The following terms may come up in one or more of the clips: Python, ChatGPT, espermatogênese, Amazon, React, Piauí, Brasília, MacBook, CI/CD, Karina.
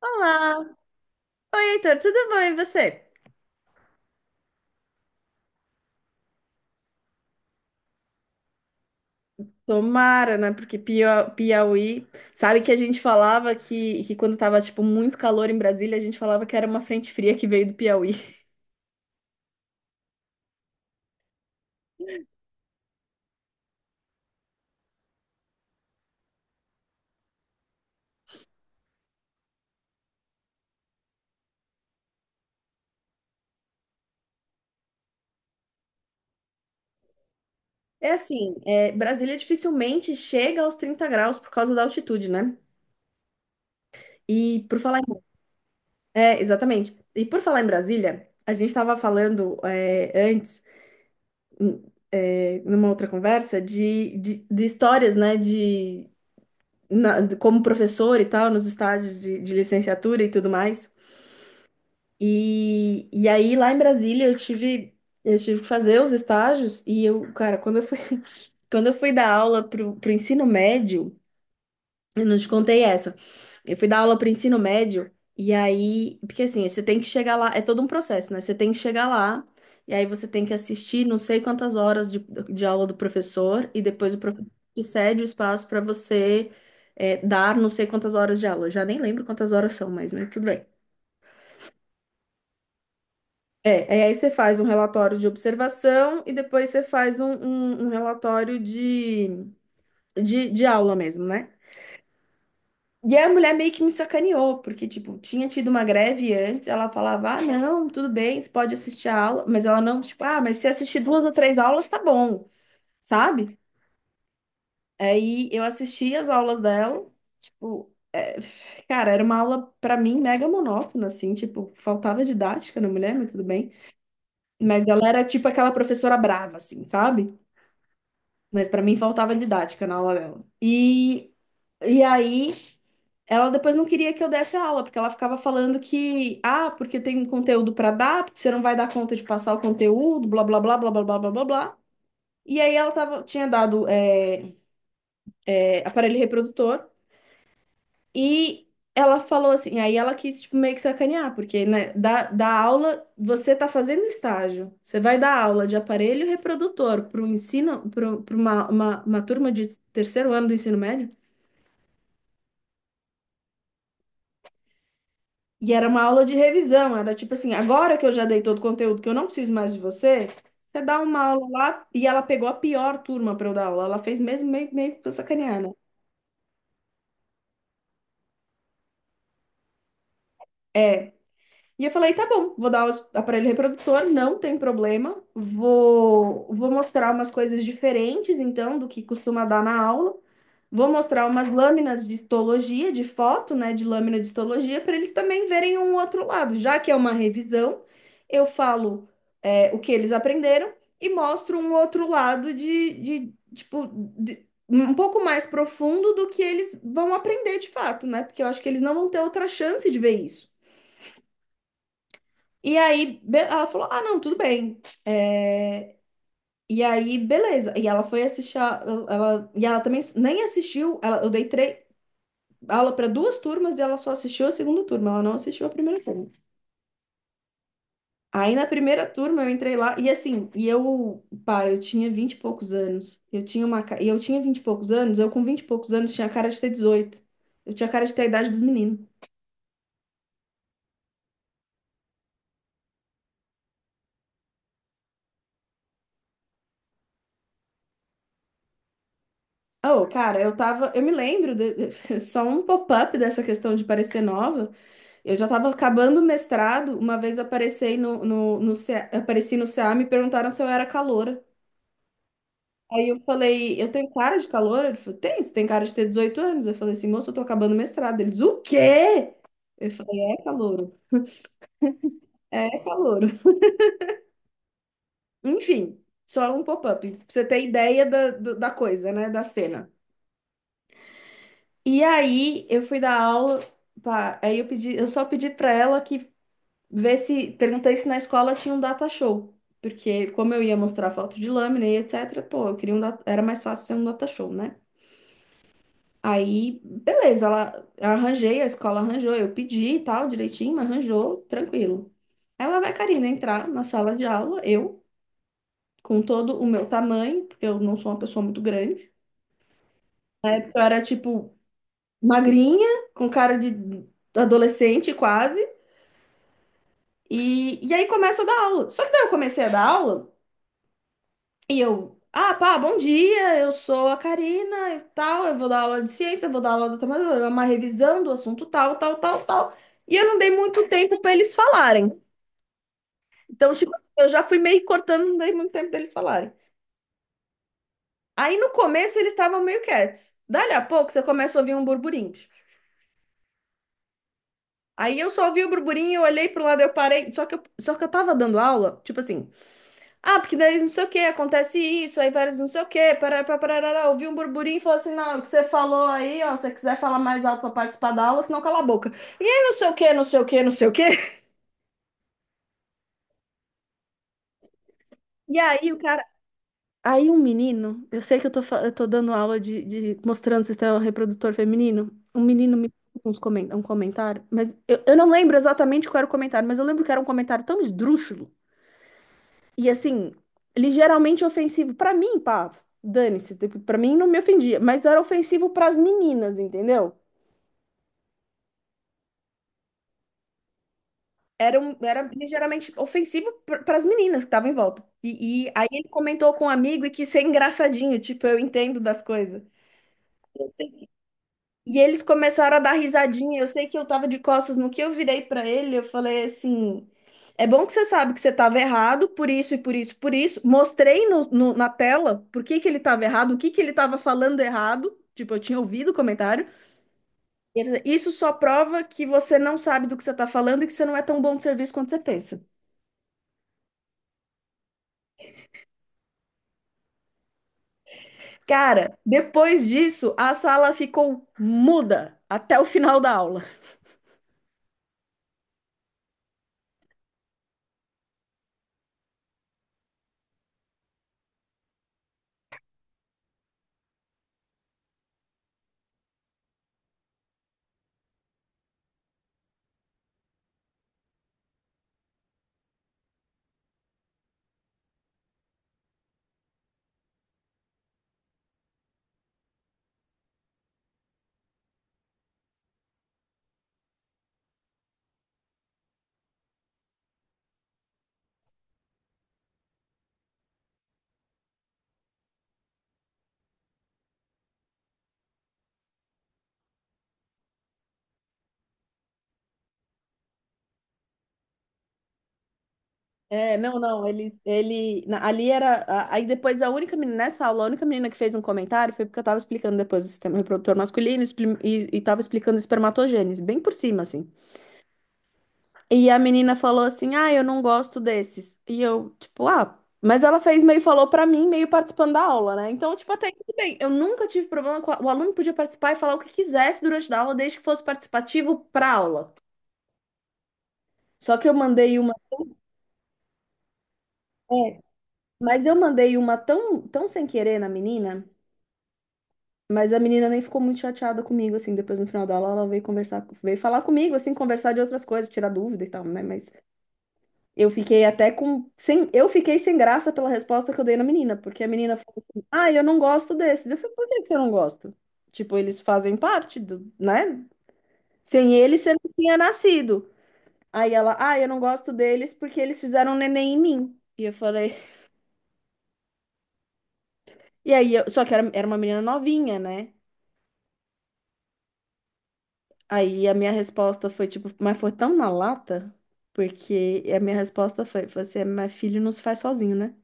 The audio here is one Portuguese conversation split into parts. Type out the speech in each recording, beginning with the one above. Olá! Oi, Heitor, tudo bom? E você? Tomara, né? Porque Piauí. Sabe que a gente falava que quando tava, tipo, muito calor em Brasília, a gente falava que era uma frente fria que veio do Piauí. É assim, é, Brasília dificilmente chega aos 30 graus por causa da altitude, né? E por falar em... É, exatamente. E por falar em Brasília, a gente estava falando antes, n- é, numa outra conversa, de histórias, né? De, como professor e tal, nos estágios de licenciatura e tudo mais. E aí, lá em Brasília, eu tive que fazer os estágios e eu, cara, quando eu fui, quando eu fui dar aula pro ensino médio, eu não te contei essa. Eu fui dar aula para ensino médio, e aí, porque assim, você tem que chegar lá, é todo um processo, né? Você tem que chegar lá, e aí você tem que assistir não sei quantas horas de aula do professor, e depois o professor te cede o espaço para você dar não sei quantas horas de aula. Eu já nem lembro quantas horas são, mas né, tudo bem. É, e aí você faz um relatório de observação e depois você faz um relatório de aula mesmo, né? E a mulher meio que me sacaneou, porque, tipo, tinha tido uma greve antes, ela falava, ah, não, tudo bem, você pode assistir a aula, mas ela não, tipo, ah, mas se assistir duas ou três aulas, tá bom, sabe? Aí eu assisti as aulas dela, tipo, é, cara, era uma aula, pra mim, mega monótona, assim, tipo, faltava didática na mulher, mas tudo bem. Mas ela era, tipo, aquela professora brava, assim, sabe? Mas pra mim faltava didática na aula dela. E aí ela depois não queria que eu desse a aula, porque ela ficava falando que, ah, porque tem um conteúdo pra dar, porque você não vai dar conta de passar o conteúdo, blá blá blá blá blá blá blá blá. Blá. E aí ela tava, tinha dado aparelho reprodutor. E ela falou assim, aí ela quis tipo, meio que sacanear, porque né, da aula você tá fazendo estágio. Você vai dar aula de aparelho reprodutor para ensino, para uma turma de terceiro ano do ensino médio. E era uma aula de revisão, era tipo assim, agora que eu já dei todo o conteúdo, que eu não preciso mais de você, você dá uma aula lá, e ela pegou a pior turma para eu dar aula. Ela fez mesmo meio pra sacanear, né? É, e eu falei, tá bom, vou dar o aparelho reprodutor, não tem problema. Vou mostrar umas coisas diferentes, então, do que costuma dar na aula. Vou mostrar umas lâminas de histologia, de foto, né, de lâmina de histologia, para eles também verem um outro lado. Já que é uma revisão, eu falo, é, o que eles aprenderam e mostro um outro lado de tipo, um pouco mais profundo do que eles vão aprender de fato, né? Porque eu acho que eles não vão ter outra chance de ver isso. E aí ela falou: Ah, não, tudo bem. É, e aí, beleza. E ela foi assistir. Ela... E ela também nem assistiu. Ela... Aula para duas turmas e ela só assistiu a segunda turma. Ela não assistiu a primeira turma. Aí na primeira turma eu entrei lá e assim, e eu, pá, eu tinha vinte e poucos anos. Eu tinha uma, ca- e eu tinha vinte e poucos anos, eu com vinte e poucos anos tinha a cara de ter 18. Eu tinha a cara de ter a idade dos meninos. Oh, cara, eu tava, eu me lembro de- só um pop-up dessa questão de parecer nova. Eu já estava acabando o mestrado, uma vez apareci CA, apareci no CA, me perguntaram se eu era caloura. Aí eu falei, eu tenho cara de caloura? Ele falou, tem, você tem cara de ter 18 anos. Eu falei assim, moço, eu tô acabando o mestrado. Eles, o quê? Eu falei, é calouro, é calouro. Enfim, só um pop-up, pra você ter ideia da coisa, né, da cena. E aí eu fui dar aula, pá, aí eu pedi, eu só pedi pra ela que ver se perguntei se na escola tinha um data show, porque como eu ia mostrar foto de lâmina e etc, pô, eu queria um data, era mais fácil ser um data show, né? Aí, beleza, ela eu arranjei, a escola arranjou, eu pedi e tal, direitinho, mas arranjou, tranquilo. Ela vai, Karina, entrar na sala de aula, eu, com todo o meu tamanho, porque eu não sou uma pessoa muito grande. Na época eu era, tipo, magrinha, com cara de adolescente quase. E aí começa a dar aula. Só que daí eu comecei a dar aula. E eu, ah, pá, bom dia, eu sou a Karina e tal, eu vou dar aula de ciência, eu vou dar aula de matemática, uma revisão do assunto tal, tal, tal, tal. E eu não dei muito tempo para eles falarem. Então, tipo, eu já fui meio cortando, não dei muito tempo deles falarem. Aí no começo eles estavam meio quietos. Dali a pouco você começa a ouvir um burburinho. Aí eu só ouvi o burburinho, eu olhei pro lado, eu parei. Só que eu tava dando aula, tipo assim, ah, porque daí não sei o que, acontece isso, aí vários não sei o que, parará, parará, ouvi um burburinho e falou assim, não, o que você falou aí, ó, se você quiser falar mais alto pra participar da aula, senão cala a boca. E aí não sei o que, não sei o que, não sei o que. E aí o cara, aí um menino, eu sei que eu tô, eu tô dando aula de mostrando sistema reprodutor feminino, um menino me fez um comentário, mas eu não lembro exatamente qual era o comentário, mas eu lembro que era um comentário tão esdrúxulo. E assim, ligeiramente ofensivo pra mim, pá, dane-se, tipo, pra mim não me ofendia, mas era ofensivo pras meninas, entendeu? Era, um, era ligeiramente ofensivo para as meninas que estavam em volta. E aí ele comentou com um amigo e quis ser engraçadinho, tipo, eu entendo das coisas. E eles começaram a dar risadinha. Eu sei que eu tava de costas, no que eu virei pra ele, eu falei assim: é bom que você sabe que você tava errado, por isso e por isso, por isso. Mostrei na tela por que que ele tava errado, o que que ele tava falando errado. Tipo, eu tinha ouvido o comentário. E ele falou, isso só prova que você não sabe do que você tá falando e que você não é tão bom de serviço quanto você pensa. Cara, depois disso, a sala ficou muda até o final da aula. É, não, não, ali era, aí depois a única menina, nessa aula, a única menina que fez um comentário foi porque eu tava explicando depois o sistema reprodutor masculino e tava explicando espermatogênese, bem por cima, assim. E a menina falou assim, ah, eu não gosto desses. E eu, tipo, ah, mas ela fez meio, falou pra mim, meio participando da aula, né? Então, tipo, até aí tudo bem, eu nunca tive problema com, o aluno podia participar e falar o que quisesse durante a aula, desde que fosse participativo pra aula. Só que eu mandei uma... É, mas eu mandei uma tão, tão sem querer na menina. Mas a menina nem ficou muito chateada comigo, assim. Depois, no final da aula, ela veio conversar, veio falar comigo, assim, conversar de outras coisas, tirar dúvida e tal, né? Mas eu fiquei até com, sem, eu fiquei sem graça pela resposta que eu dei na menina, porque a menina falou assim, ah, eu não gosto desses. Eu falei, por que que você não gosta? Tipo, eles fazem parte do, né? Sem eles, você não tinha nascido. Aí ela, ah, eu não gosto deles porque eles fizeram um neném em mim. E eu falei, e aí, só que era, era uma menina novinha, né? Aí a minha resposta foi tipo, mas foi tão na lata, porque a minha resposta foi, você, mas filho não se faz sozinho, né?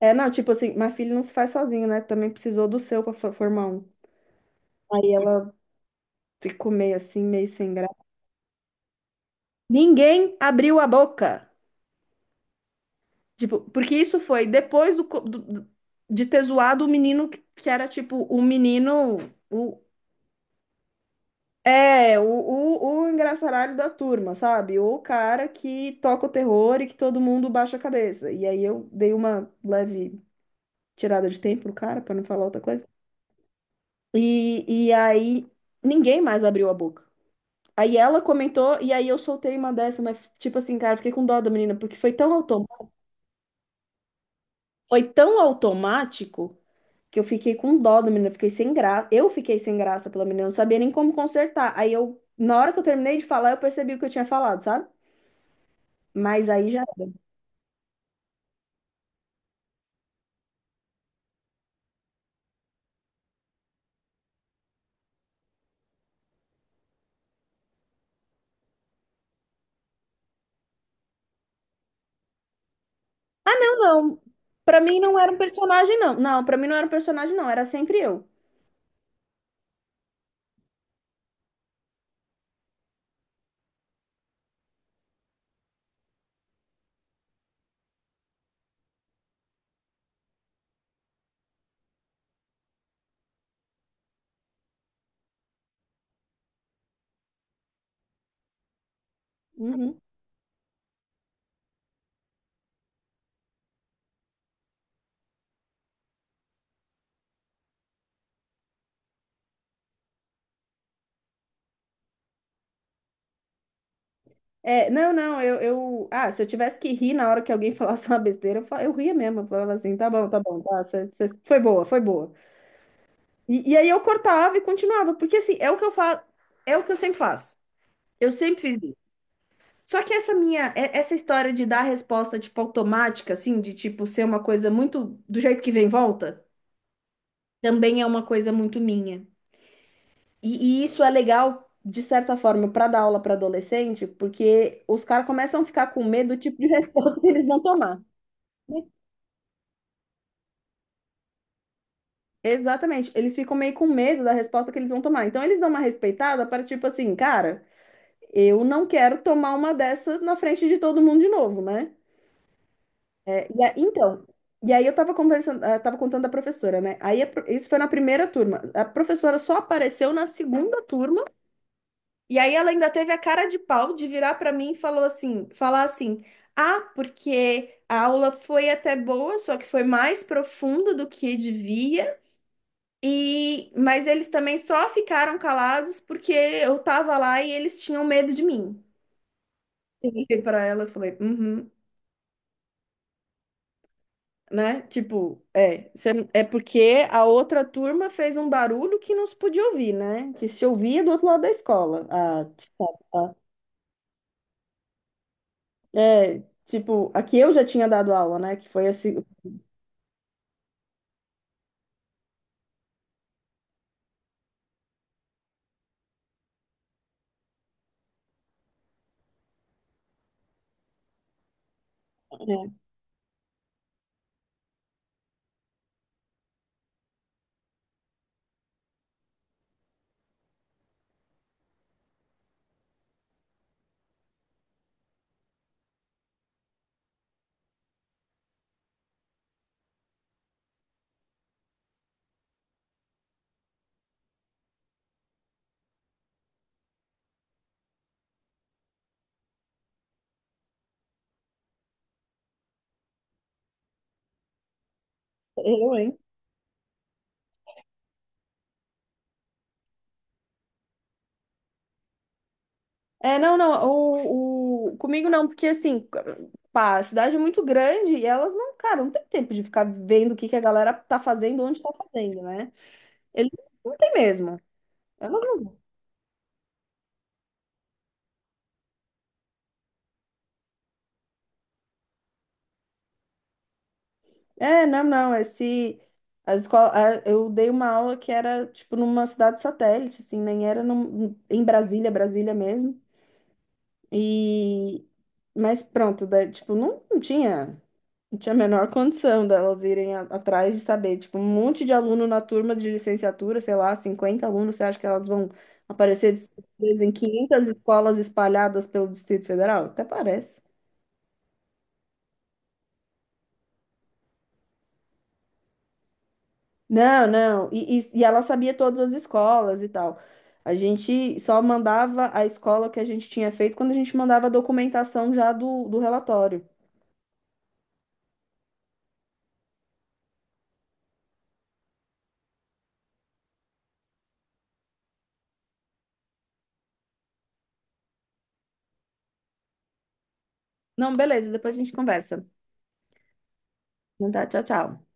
É, não, tipo assim, mas filho não se faz sozinho, né? Também precisou do seu pra formar um. Aí ela ficou meio assim, meio sem graça. Ninguém abriu a boca. Tipo, porque isso foi depois do, co- do- do- de ter zoado o menino que era tipo o menino, o, é, o engraçaralho da turma, sabe? Ou o cara que toca o terror e que todo mundo baixa a cabeça. E aí eu dei uma leve tirada de tempo pro cara, pra não falar outra coisa. E aí ninguém mais abriu a boca. Aí ela comentou, e aí eu soltei uma dessa, mas tipo assim, cara, eu fiquei com dó da menina, porque foi tão automático que eu fiquei com dó da menina, eu fiquei sem graça. Eu fiquei sem graça pela menina, eu não sabia nem como consertar. Aí eu, na hora que eu terminei de falar, eu percebi o que eu tinha falado, sabe? Mas aí já era. Não, não, pra mim não era um personagem, não. Não, pra mim não era um personagem, não. Era sempre eu. Uhum. É, não, não, eu, eu. Ah, se eu tivesse que rir na hora que alguém falasse uma besteira, eu ria mesmo. Eu falava assim, tá bom, foi boa, foi boa. E aí eu cortava e continuava, porque assim, é o que eu faço, é o que eu sempre faço. Eu sempre fiz isso. Só que essa minha, essa história de dar resposta, tipo, automática, assim, de tipo ser uma coisa muito do jeito que vem e volta, também é uma coisa muito minha. E isso é legal, de certa forma, para dar aula para adolescente, porque os caras começam a ficar com medo do tipo de resposta que eles vão tomar. Exatamente, eles ficam meio com medo da resposta que eles vão tomar. Então, eles dão uma respeitada para tipo assim, cara, eu não quero tomar uma dessa na frente de todo mundo de novo, né? É, então, e aí eu tava conversando, tava contando da professora, né? Isso foi na primeira turma. A professora só apareceu na segunda turma. E aí ela ainda teve a cara de pau de virar para mim e falar assim: "Ah, porque a aula foi até boa, só que foi mais profunda do que devia. E mas eles também só ficaram calados porque eu tava lá e eles tinham medo de mim". Olhei para ela e falei: "Uhum", né? Tipo, é porque a outra turma fez um barulho que não se podia ouvir, né? Que se ouvia do outro lado da escola. Ah, tipo, tá, tá. É, tipo, aqui eu já tinha dado aula, né? Que foi assim. É, eu, hein? É, não, não, comigo não, porque assim, pá, a cidade é muito grande e elas não, cara, não tem tempo de ficar vendo o que que a galera tá fazendo, onde tá fazendo, né? Eles não tem mesmo. Eu não- É, não, não, esse. As escola, eu dei uma aula que era, tipo, numa cidade satélite, assim, nem era em Brasília, Brasília mesmo. E. Mas pronto, tipo, não, não tinha. Não tinha a menor condição delas irem atrás de saber. Tipo, um monte de aluno na turma de licenciatura, sei lá, 50 alunos, você acha que elas vão aparecer de surpresa em 500 escolas espalhadas pelo Distrito Federal? Até parece. Não, não. E ela sabia todas as escolas e tal. A gente só mandava a escola que a gente tinha feito quando a gente mandava a documentação já do relatório. Não, beleza, depois a gente conversa. Então tá, tchau, tchau.